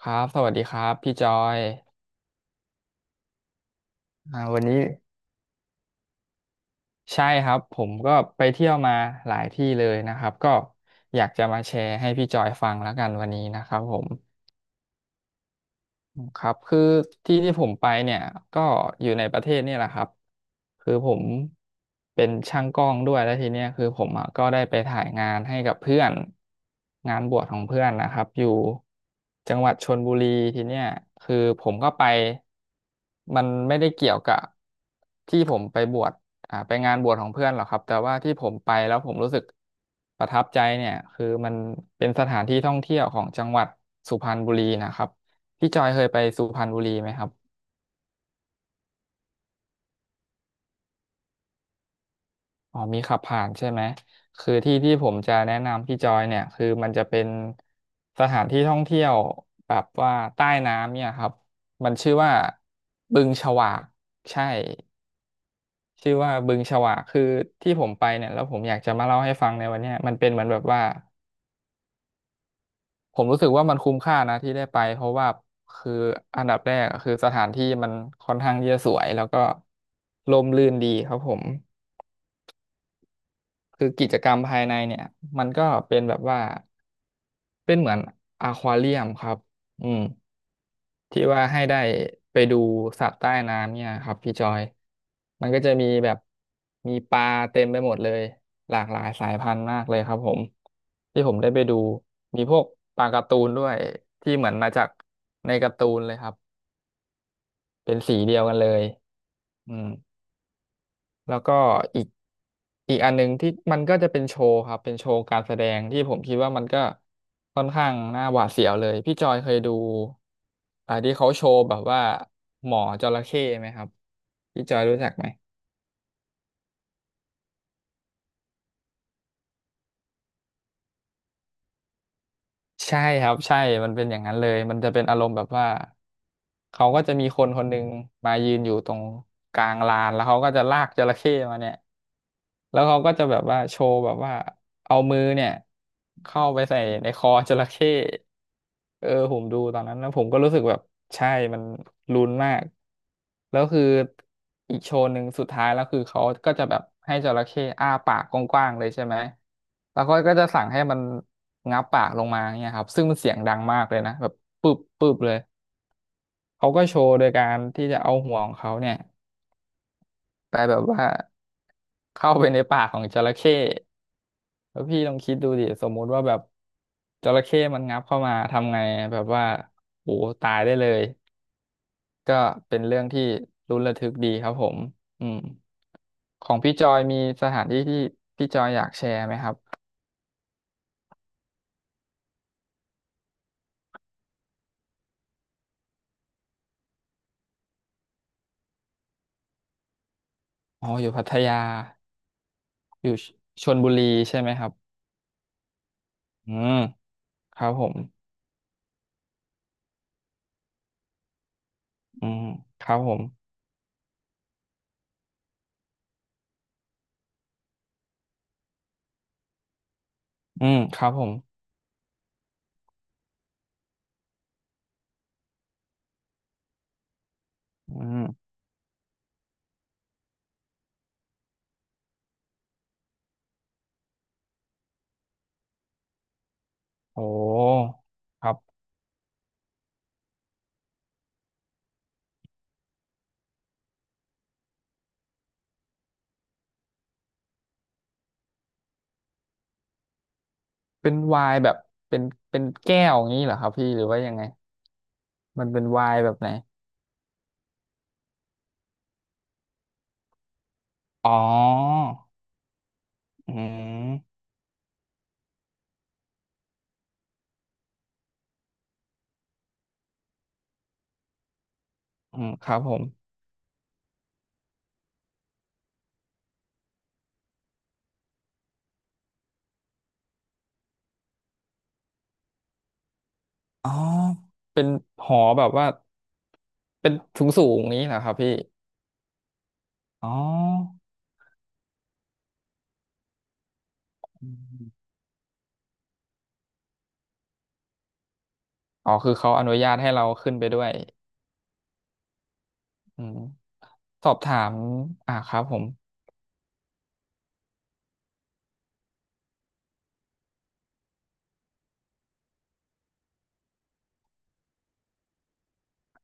ครับสวัสดีครับพี่จอยอ่าวันนี้ใช่ครับผมก็ไปเที่ยวมาหลายที่เลยนะครับก็อยากจะมาแชร์ให้พี่จอยฟังแล้วกันวันนี้นะครับผม ครับคือที่ที่ผมไปเนี่ยก็อยู่ในประเทศนี่แหละครับคือผมเป็นช่างกล้องด้วยแล้วทีเนี้ยคือผมอะก็ได้ไปถ่ายงานให้กับเพื่อนงานบวชของเพื่อนนะครับอยู่จังหวัดชลบุรีทีเนี้ยคือผมก็ไปมันไม่ได้เกี่ยวกับที่ผมไปบวชไปงานบวชของเพื่อนหรอกครับแต่ว่าที่ผมไปแล้วผมรู้สึกประทับใจเนี่ยคือมันเป็นสถานที่ท่องเที่ยวของจังหวัดสุพรรณบุรีนะครับ พี่จอยเคยไปสุพรรณบุรีไหมครับอ๋อมีขับผ่านใช่ไหมคือที่ที่ผมจะแนะนำพี่จอยเนี่ยคือมันจะเป็นสถานที่ท่องเที่ยวแบบว่าใต้น้ำเนี่ยครับมันชื่อว่าบึงฉวากใช่ชื่อว่าบึงฉวากคือที่ผมไปเนี่ยแล้วผมอยากจะมาเล่าให้ฟังในวันเนี้ยมันเป็นเหมือนแบบว่าผมรู้สึกว่ามันคุ้มค่านะที่ได้ไปเพราะว่าคืออันดับแรกอะคือสถานที่มันค่อนข้างที่จะสวยแล้วก็ร่มรื่นดีครับผม คือกิจกรรมภายในเนี่ยมันก็เป็นแบบว่าเป็นเหมือนอควาเรียมครับอืมที่ว่าให้ได้ไปดูสัตว์ใต้น้ำเนี่ยครับพี่จอยมันก็จะมีแบบมีปลาเต็มไปหมดเลยหลากหลายสายพันธุ์มากเลยครับผมที่ผมได้ไปดูมีพวกปลาการ์ตูนด้วยที่เหมือนมาจากในการ์ตูนเลยครับเป็นสีเดียวกันเลยอืม แล้วก็อีกอีกอันหนึ่งที่มันก็จะเป็นโชว์ครับเป็นโชว์การแสดงที่ผมคิดว่ามันก็ค่อนข้างน่าหวาดเสียวเลยพี่จอยเคยดูที่เขาโชว์แบบว่าหมอจระเข้ไหมครับพี่จอยรู้จักไหมใช่ครับใช่มันเป็นอย่างนั้นเลยมันจะเป็นอารมณ์แบบว่าเขาก็จะมีคนคนหนึ่งมายืนอยู่ตรงกลางลานแล้วเขาก็จะลากจระเข้มาเนี่ย แล้วเขาก็จะแบบว่าโชว์แบบว่าเอามือเนี่ยเข้าไปใส่ในคอจระเข้เออผมดูตอนนั้นแล้วผมก็รู้สึกแบบใช่มันลุ้นมากแล้วคืออีกโชว์หนึ่งสุดท้ายแล้วคือเขาก็จะแบบให้จระเข้อ้าปากกว้างๆเลยใช่ไหมแล้วเขาก็จะสั่งให้มันงับปากลงมาเนี่ยครับซึ่งมันเสียงดังมากเลยนะแบบปึ๊บปึ๊บเลยเขาก็โชว์โดยการที่จะเอาหัวของเขาเนี่ยไปแบบว่าเข้าไปในปากของจระเข้ แล้วพี่ลองคิดดูดิสมมุติว่าแบบจระเข้มันงับเข้ามาทำไงแบบว่าโหตายได้เลยก็เป็นเรื่องที่ลุ้นระทึกดีครับผมอืมของพี่จอยมีสถานที่ที่พี่จอยอยากแชร์ไหมครับอ๋ออยู่พัทยาอยู่ชลบุรีใช่ไหมครับอืมครับผมอืมครับผมอืมครับผมอืมโอ้ครับเป็นไวน์แบบเป็นเป็นแก้วอย่างนี้เหรอครับพี่หรือว่ายังไงมันเป็นไวน์แบบไหน อ๋ออืมอืมครับผมอ๋อเป็นหอแบบว่าเป็นสูงสูงนี้เหรอครับพี่อ๋ออืมอ๋อคือเขาอนุญาตให้เราขึ้นไปด้วยอืมสอบถามครับผม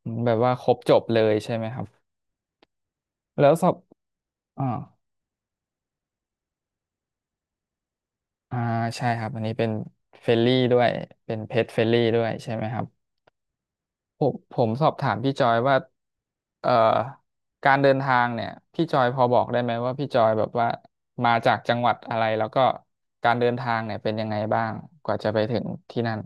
อืมแบบว่าครบจบเลยใช่ไหมครับแล้วสอบอ่าอ่าใช่ครับอันนี้เป็นเฟรลี่ด้วยเป็นเพจเฟรลี่ด้วยใช่ไหมครับ ผมสอบถามพี่จอยว่าเอ่อการเดินทางเนี่ยพี่จอยพอบอกได้ไหมว่าพี่จอยแบบว่ามาจากจังหวัดอะไรแล้วก็การเดินทางเนี่ยเป็นยังไงบ้างกว่าจะไปถึงที่นั่น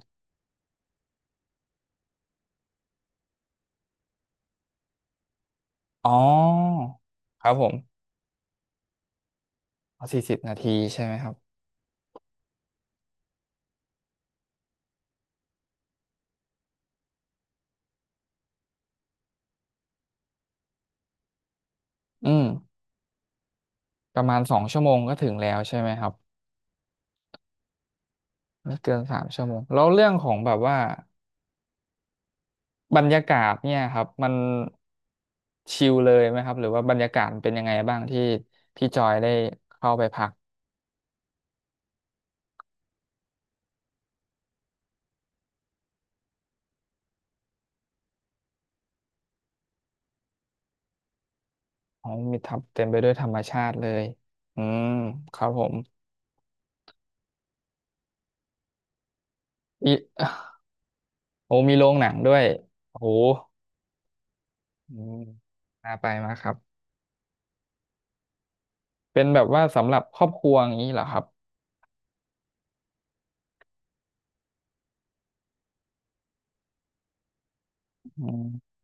อ๋อครับผมเอ๋40 นาทีใช่ไหมครับอืมประมาณ2 ชั่วโมงก็ถึงแล้วใช่ไหมครับไม่เกิน3 ชั่วโมงแล้วเรื่องของแบบว่าบรรยากาศเนี่ยครับมันชิลเลยไหมครับหรือว่าบรรยากาศเป็นยังไงบ้างที่พี่จอยได้เข้าไปพัก อ๋อมีทับเต็มไปด้วยธรรมชาติเลยอืมครับผมมี โอ้มีโรงหนังด้วยโอ้โหอืมน่าไปมากครับเป็นแบบว่าสำหรับครอบครัวอย่างนี้เหรอครับอืม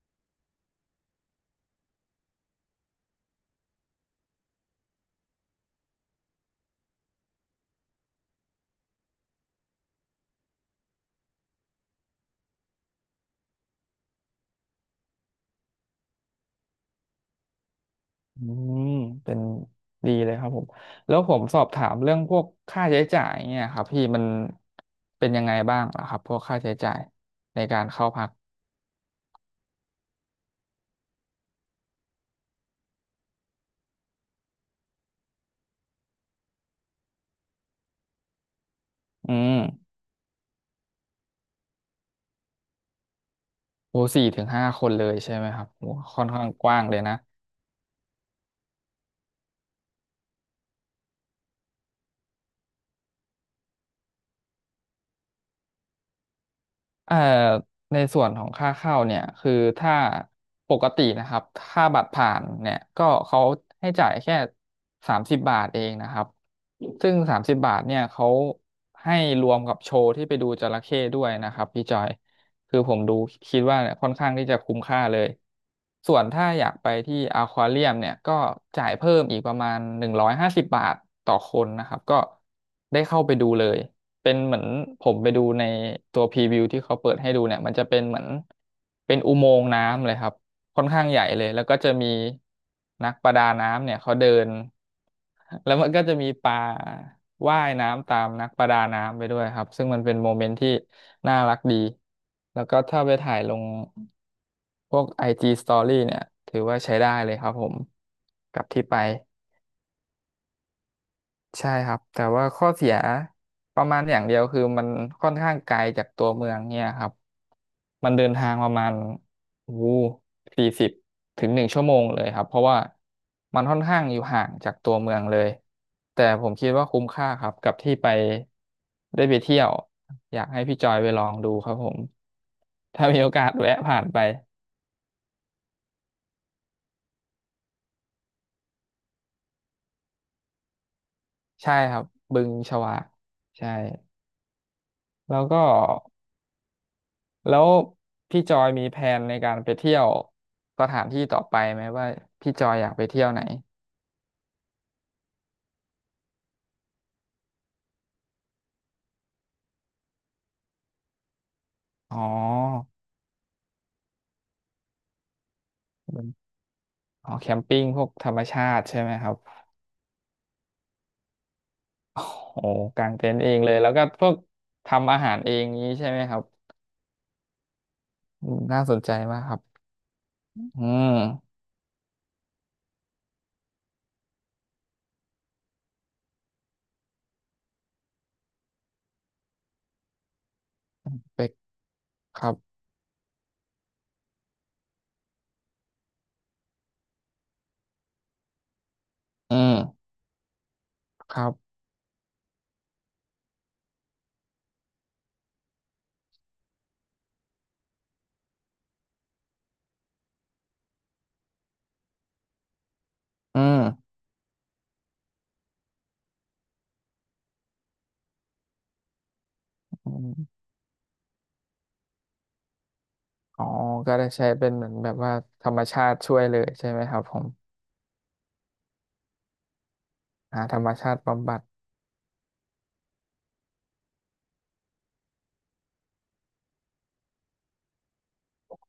อืมเป็นดีเลยครับผม แล้วผมสอบถามเรื่องพวกค่าใช้จ่ายเนี่ยครับพี่มันเป็นยังไงบ้างเหรอครับพวกค่าใช้จ่ายในการเข้าพักอืมโอ้4 ถึง 5 คนเลยใช่ไหมครับโอ้ค่อนข้างกว้างเลยนะ เอ่อในส่วนของค่าเข้าเนี่ยคือถ้าปกตินะครับค่าบัตรผ่านเนี่ยก็เขาให้จ่ายแค่สามสิบบาทเองนะครับซึ่งสามสิบบาทเนี่ยเขาให้รวมกับโชว์ที่ไปดูจระเข้ด้วยนะครับพี่จอยคือผมดูคิดว่าเนี่ยค่อนข้างที่จะคุ้มค่าเลยส่วนถ้าอยากไปที่อควาเรียมเนี่ยก็จ่ายเพิ่มอีกประมาณ150 บาทต่อคนนะครับก็ได้เข้าไปดูเลย เป็นเหมือนผมไปดูในตัวพรีวิวที่เขาเปิดให้ดูเนี่ยมันจะเป็นเหมือนเป็นอุโมงค์น้ำเลยครับค่อนข้างใหญ่เลยแล้วก็จะมีนักประดาน้ำเนี่ยเขาเดินแล้วมันก็จะมีปลาว่ายน้ำตามนักประดาน้ำไปด้วยครับซึ่งมันเป็นโมเมนต์ที่น่ารักดีแล้วก็ถ้าไปถ่ายลงพวก IG Story เนี่ยถือว่าใช้ได้เลยครับผมกับที่ไป ใช่ครับแต่ว่าข้อเสียประมาณอย่างเดียวคือมันค่อนข้างไกลจากตัวเมืองเนี่ยครับมันเดินทางประมาณวู40ถึง1 ชั่วโมงเลยครับเพราะว่ามันค่อนข้างอยู่ห่างจากตัวเมืองเลยแต่ผมคิดว่าคุ้มค่าครับกับที่ไปได้ไปเที่ยวอยากให้พี่จอยไปลองดูครับผมถ้ามีโอกาสแวะผ่านไปใช่ครับบึงฉวากใช่แล้วก็ แล้วพี่จอยมีแผนในการไปเที่ยวสถานที่ต่อไปไหมว่าพี่จอยอยากไปเที่ยวไหนอ๋อเป็นอ๋อแคมปิ้งพวกธรรมชาติใช่ไหมครับโอ้โหกางเต็นท์เองเลยแล้วก็พวกทำอาหารเองนี้ใช่ไหมครับอืมน่าสนใจมากครับอืมเป็กครับอืมครับอืมอมอ๋อก็ได้ใช้เป็นเหมือนแบบว่าธรรมชาติช่วยเลยใช่ไหมครับผมหาธรรมชาติบำบัด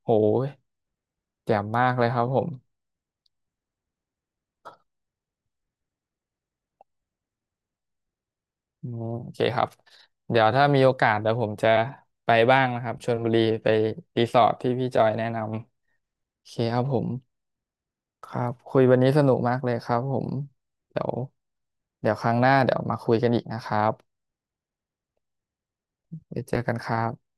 โหยแจ่มมากเลยครับผม อืมโอเคครับเดี๋ยวถ้ามีโอกาสเดี๋ยวผมจะไปบ้างนะครับชลบุรีไปรีสอร์ทที่พี่จอยแนะนำโอเคครับผมครับคุยวันนี้สนุกมากเลยครับผมเดี๋ยวครั้งหน้าเดี๋ยวมาคุยกันอีกนะครับเดี๋ยวเจอกันครับ